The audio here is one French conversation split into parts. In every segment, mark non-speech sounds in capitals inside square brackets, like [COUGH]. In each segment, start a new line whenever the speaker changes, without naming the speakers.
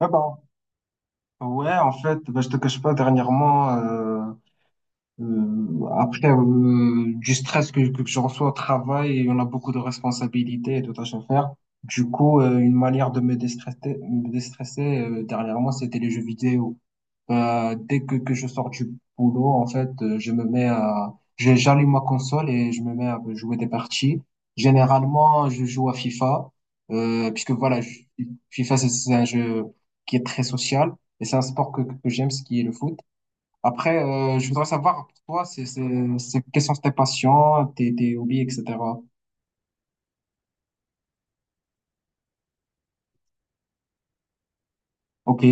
Ah bah, ouais, en fait, bah, je te cache pas, dernièrement, après du stress que je reçois au travail, et on a beaucoup de responsabilités et de tâches à faire. Du coup, une manière de me déstresser dernièrement, c'était les jeux vidéo. Dès que je sors du boulot, en fait, je me mets j'allume ma console et je me mets à jouer des parties. Généralement, je joue à FIFA, puisque FIFA, c'est un jeu qui est très social et c'est un sport que j'aime, ce qui est le foot. Après, je voudrais savoir, toi, quelles sont tes passions, tes hobbies, etc. Ok,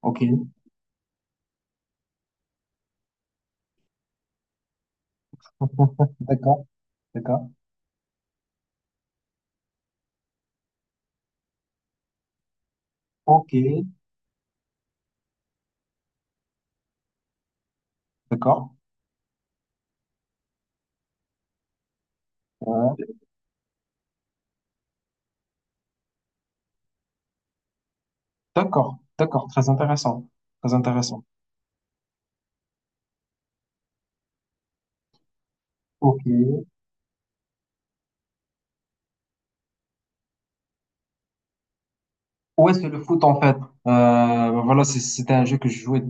ok, d'accord, d'accord, ok, d'accord, ouais, d'accord, d'accord, très intéressant, très intéressant. Ok. Ouais, c'est le foot en fait. C'était un jeu que je jouais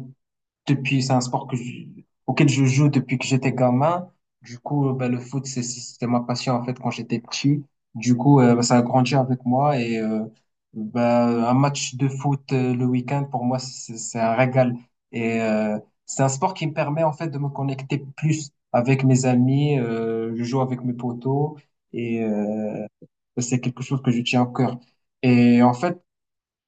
depuis, c'est un sport auquel je joue depuis que j'étais gamin. Du coup, ben, le foot, c'était ma passion en fait quand j'étais petit. Du coup, ben, ça a grandi avec moi et ben, un match de foot le week-end pour moi, c'est un régal. Et c'est un sport qui me permet en fait de me connecter plus avec mes amis. Je joue avec mes potos et c'est quelque chose que je tiens au cœur. Et en fait,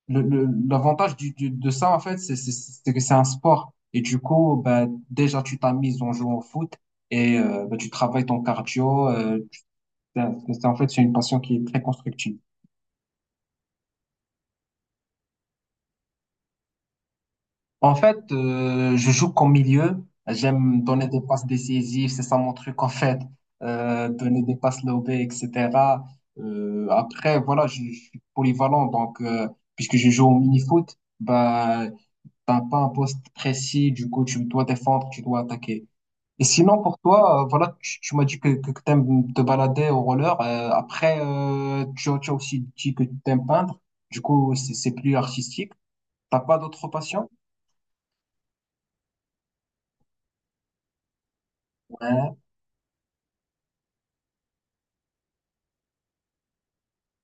l'avantage de ça, en fait, c'est que c'est un sport. Et du coup, bah, déjà, tu t'amuses en jouant au foot et bah, tu travailles ton cardio. En fait, c'est une passion qui est très constructive. En fait, je joue comme milieu. J'aime donner des passes décisives. C'est ça mon truc, en fait. Donner des passes lobées, etc. Après, je suis polyvalent. Donc, puisque je joue au mini-foot, bah, t'as pas un poste précis. Du coup, tu dois défendre, tu dois attaquer. Et sinon, pour toi, voilà, tu m'as dit tu aimes te balader au roller. Après, tu as aussi dit que tu aimes peindre. Du coup, c'est plus artistique. T'as pas d'autres passions? Ouais.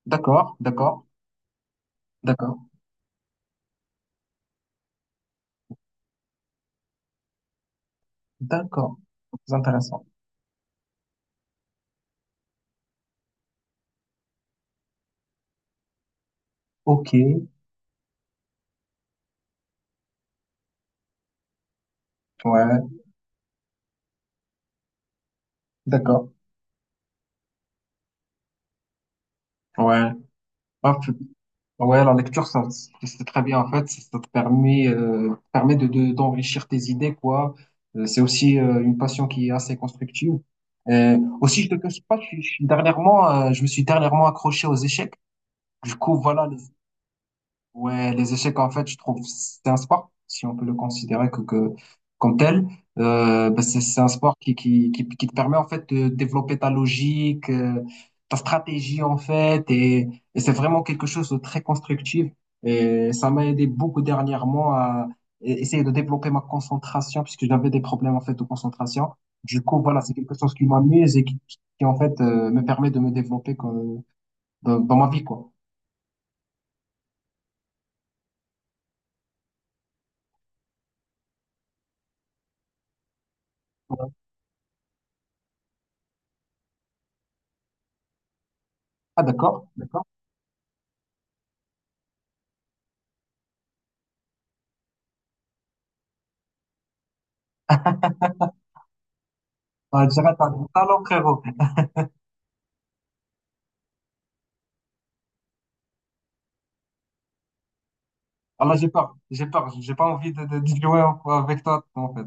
D'accord, d'accord, d'accord, d'accord. C'est intéressant. Ok, ouais, d'accord, ouais. Hop. Ouais, la lecture, ça, c'est très bien en fait. Ça te permet d'enrichir tes idées, quoi. C'est aussi une passion qui est assez constructive. Aussi, je te cache pas, je suis dernièrement, je me suis dernièrement accroché aux échecs. Du coup, voilà. Ouais, les échecs, en fait, je trouve, c'est un sport, si on peut le considérer que comme tel. Bah, c'est un sport qui te permet, en fait, de développer ta logique, ta stratégie, en fait, et c'est vraiment quelque chose de très constructif. Et ça m'a aidé beaucoup dernièrement à essayer de développer ma concentration, puisque j'avais des problèmes, en fait, de concentration. Du coup, voilà, c'est quelque chose qui m'amuse et en fait, me permet de me développer comme, dans ma vie, quoi. Voilà. Ah, d'accord. Ah, je dirais, t'as du talent, frérot. Ah là, j'ai peur, j'ai pas envie de jouer avec toi, en fait.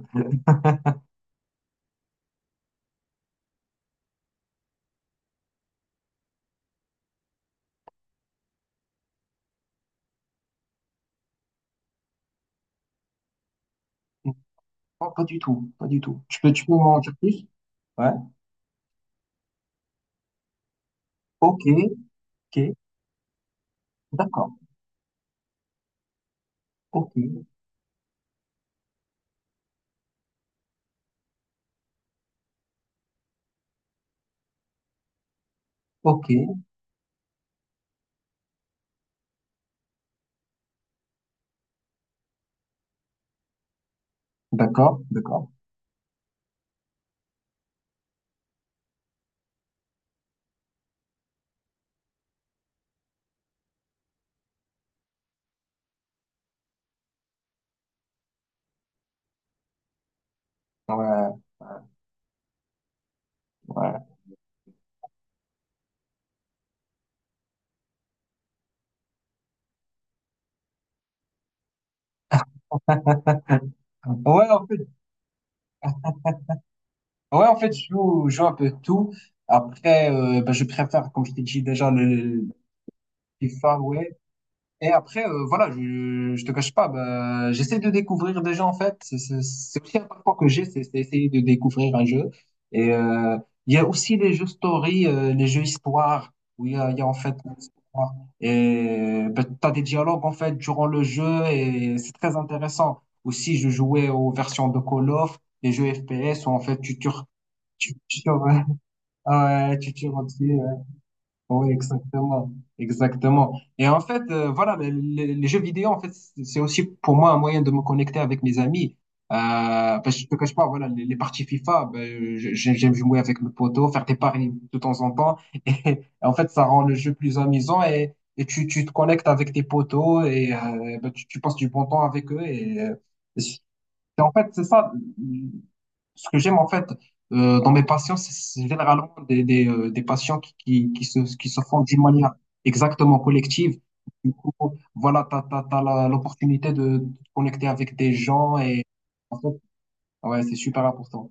Non, pas du tout, pas du tout. Tu peux m'en dire plus? Ouais. Ok, ok, d'accord. Ok, ok, d'accord, d'accord. Ouais, ouais. Ouais, en fait, ouais, en fait, je joue un peu tout. Après, bah, je préfère, comme je t'ai dit déjà, le FIFA, ouais. Et après, je te cache pas, bah, j'essaie de découvrir des jeux en fait. C'est aussi un parcours que j'ai, c'est essayer de découvrir un jeu. Et il y a aussi les jeux story, les jeux histoire, où il y a en fait une histoire. Et bah, t'as des dialogues en fait durant le jeu et c'est très intéressant. Aussi, je jouais aux versions de Call of, les jeux FPS où en fait tu tues, tu, tu, tues- [LAUGHS] ah ouais, tu tues oui, exactement, exactement. Et en fait, jeux vidéo, en fait, c'est aussi pour moi un moyen de me connecter avec mes amis. Parce que je te cache pas, voilà, les parties FIFA, j'aime jouer avec mes potos, faire des paris de temps en temps. [LAUGHS] Et, en fait, ça rend le jeu plus amusant et tu te connectes avec tes potos et ben, tu passes du bon temps avec eux. Et, c'est- en fait, c'est ça. Ce que j'aime en fait dans mes patients, c'est généralement des patients qui se font d'une manière exactement collective. Du coup, voilà, t'as l'opportunité de te connecter avec des gens et en fait, ouais, c'est super important.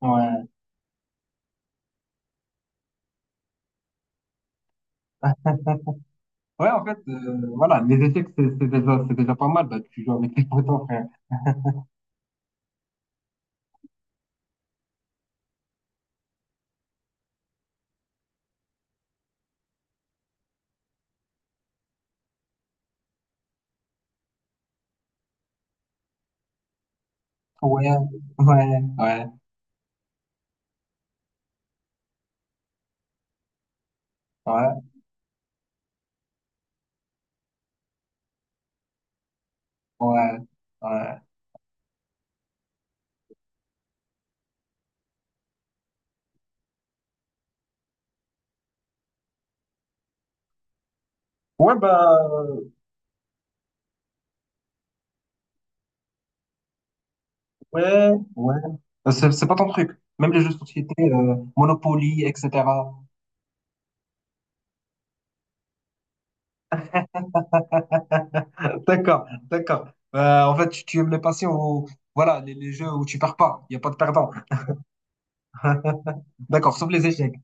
Ouais, ouais, En fait, voilà, les échecs, c'est déjà pas mal. Bah, tu joues avec tes [LAUGHS] potes, frère. Ouais, ouais, ouais, ouais, ouais, ouais. Ouais, bah. Ouais, ouais. C'est pas ton truc. Même les jeux de société, Monopoly, etc. D'accord, d'accord. En fait, tu aimes les passions où, voilà, les jeux où tu perds pas. Il n'y a pas de perdant. D'accord, sauf les échecs.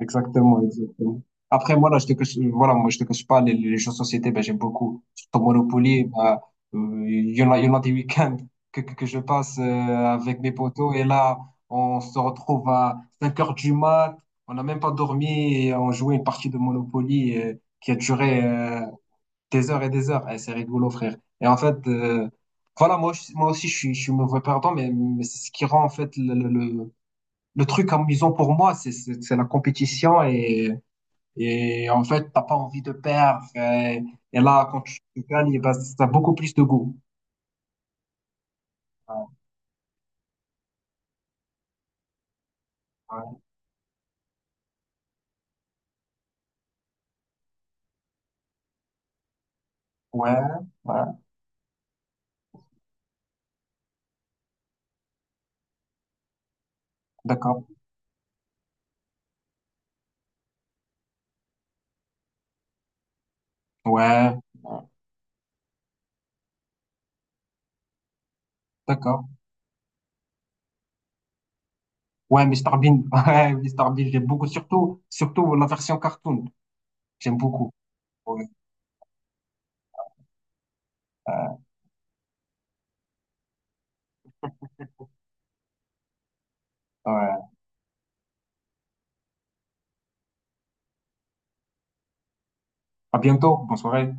Exactement, exactement. Après, moi, là, je te cache, voilà, moi, je te cache pas, les jeux de société, ben, j'aime beaucoup. Surtout Monopoly, ben, il y en a, il y en a des week-ends que je passe, avec mes potos, et là, on se retrouve à 5 heures du mat, on n'a même pas dormi, et on jouait une partie de Monopoly, qui a duré, des heures et des heures. Eh, c'est rigolo, frère. Et en fait, moi aussi, je suis mauvais perdant, mais c'est ce qui rend, en fait, le truc amusant pour moi, c'est la compétition et en fait, t'as pas envie de perdre. Et là, quand tu gagnes, eh ben, ça a beaucoup plus de goût. Ouais, ouais, ouais, d'accord. Ouais, ouais, d'accord. Ouais, Mr Bean, [LAUGHS] ouais, Mr Bean, j'aime beaucoup, surtout, surtout la version cartoon. J'aime beaucoup. Ouais, euh, ouais. À bientôt, bonne soirée.